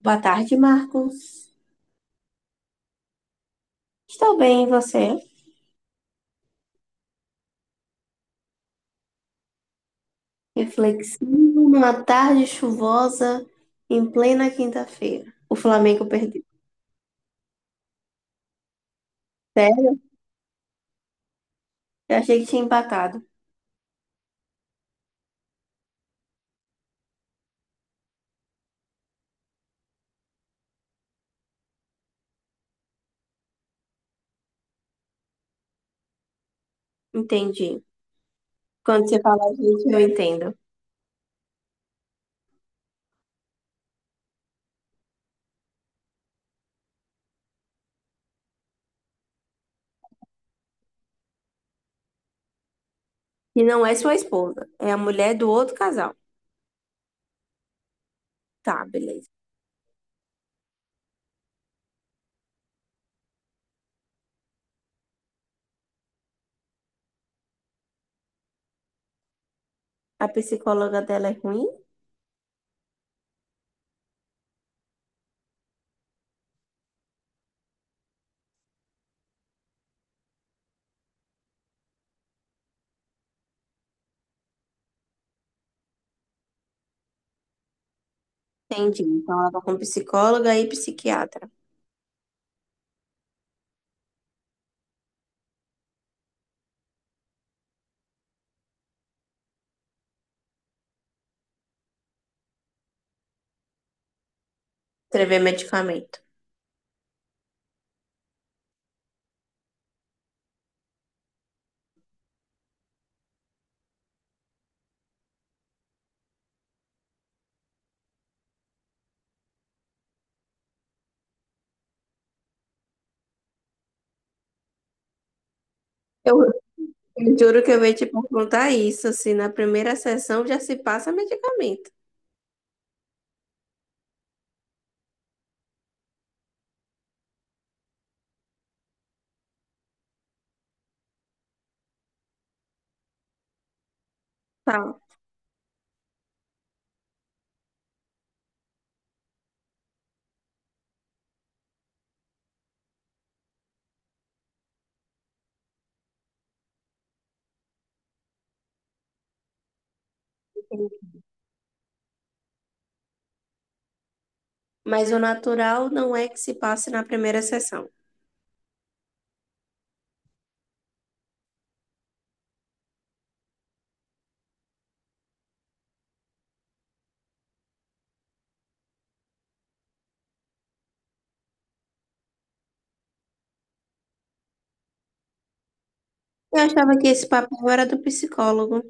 Boa tarde, Marcos. Estou bem, e você? Reflexivo numa tarde chuvosa em plena quinta-feira. O Flamengo perdeu. Sério? Eu achei que tinha empatado. Entendi. Quando você fala gente, eu entendo. E não é sua esposa, é a mulher do outro casal. Tá, beleza. A psicóloga dela é ruim? Entendi. Então ela tá com psicóloga e psiquiatra. Escrever medicamento. Eu, eu juro que eu ia te perguntar isso, se na primeira sessão já se passa medicamento. Tá. Mas o natural não é que se passe na primeira sessão. Eu achava que esse papel era do psicólogo.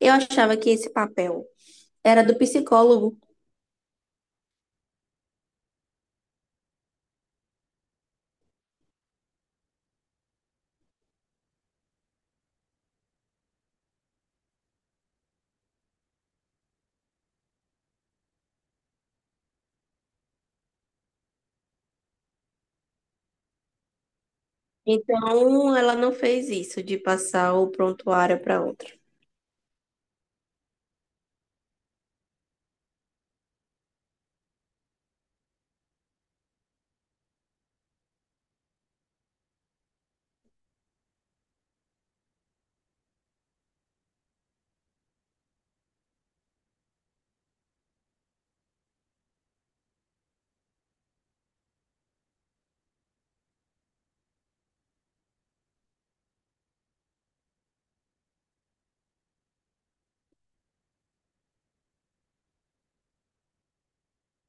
Eu achava que esse papel era do psicólogo. Então, ela não fez isso de passar o prontuário para outra.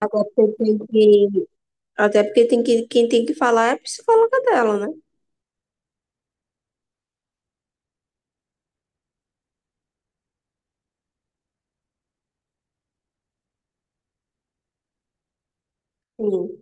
Até porque, até porque tem que, quem tem que falar é a psicóloga dela, né? Sim.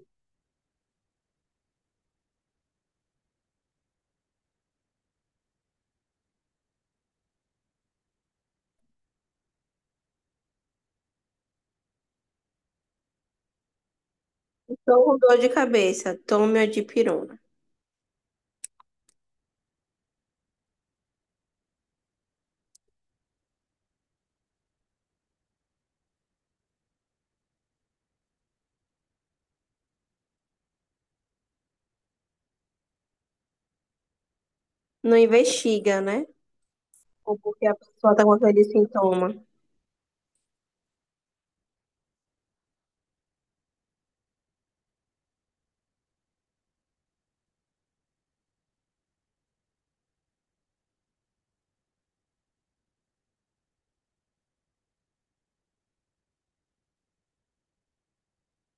Então, com dor de cabeça, tome a dipirona. Não investiga, né? Ou porque a pessoa está com aquele sintoma.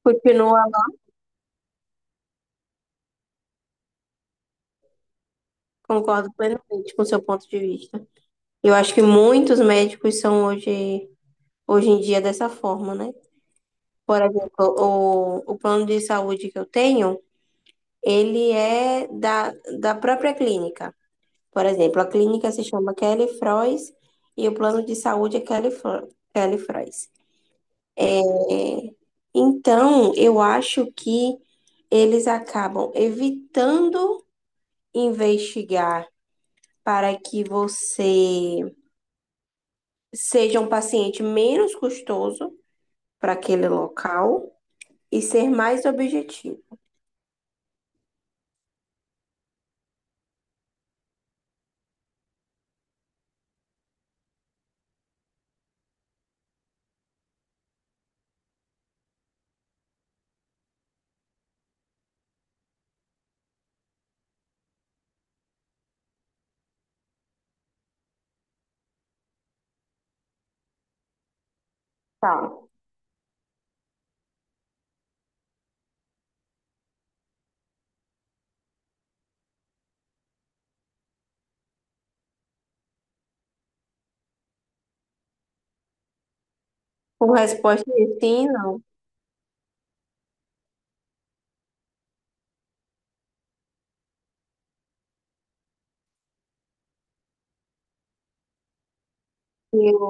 Continua, concordo plenamente com o seu ponto de vista. Eu acho que muitos médicos são hoje em dia dessa forma, né? Por exemplo, o plano de saúde que eu tenho, ele é da própria clínica. Por exemplo, a clínica se chama Kelly Frois e o plano de saúde é Kelly, Kelly Frois. É, então, eu acho que eles acabam evitando investigar para que você seja um paciente menos custoso para aquele local e ser mais objetivo. Tá. Com resposta de sim, não. E, o-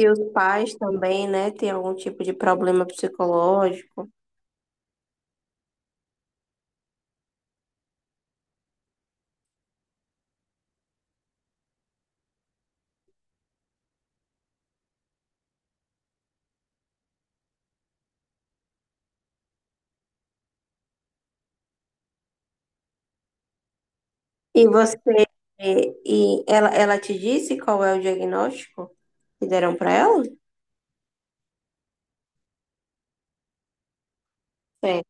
e os pais também, né, tem algum tipo de problema psicológico. E você, e ela te disse qual é o diagnóstico que deram para ela? É,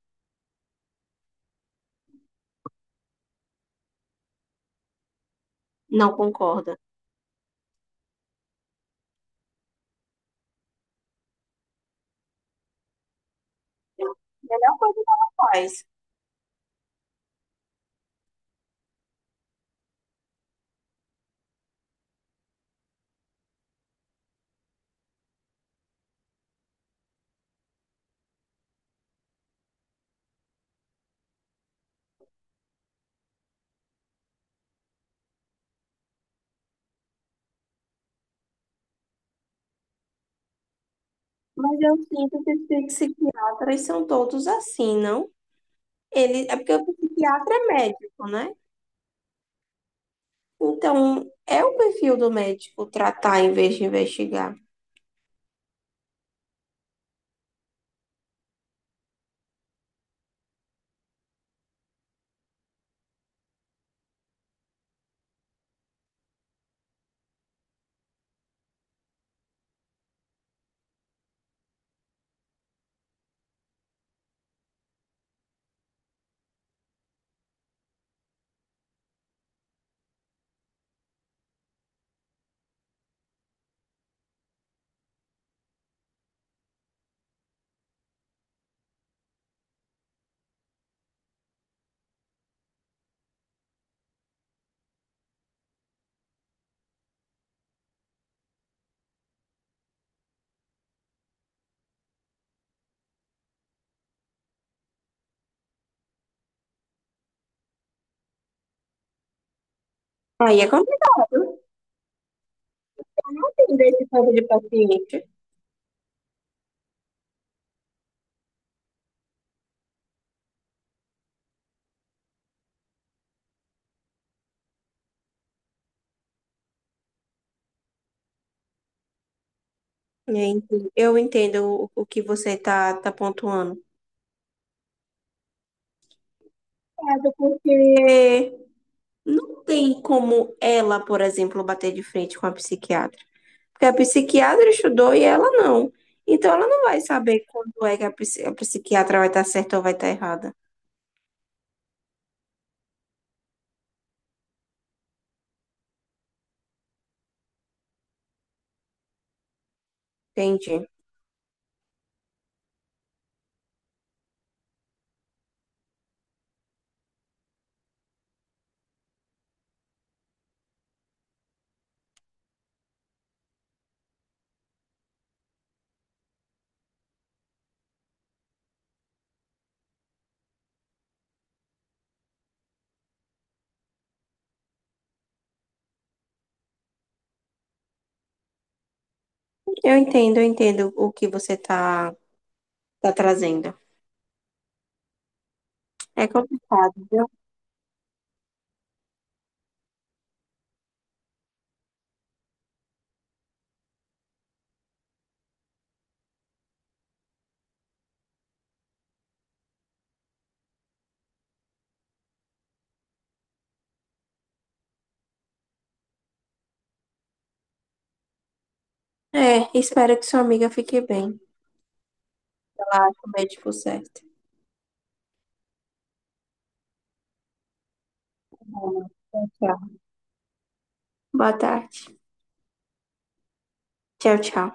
não concorda. Melhor coisa faz. Mas eu sinto que os psiquiatras são todos assim, não? É porque o psiquiatra é médico, né? Então, é o perfil do médico tratar em vez de investigar. Aí é complicado. Eu não entendo esse tipo de paciente. Gente, eu entendo o que você tá pontuando. Complicado, porque não tem como ela, por exemplo, bater de frente com a psiquiatra. Porque a psiquiatra estudou e ela não. Então ela não vai saber quando é que a psiquiatra vai estar certa ou vai estar errada. Entendi. Eu entendo o que você tá trazendo. É complicado, viu? É, espero que sua amiga fique bem. Ela ache o médico certo. Boa tarde. Tchau, tchau.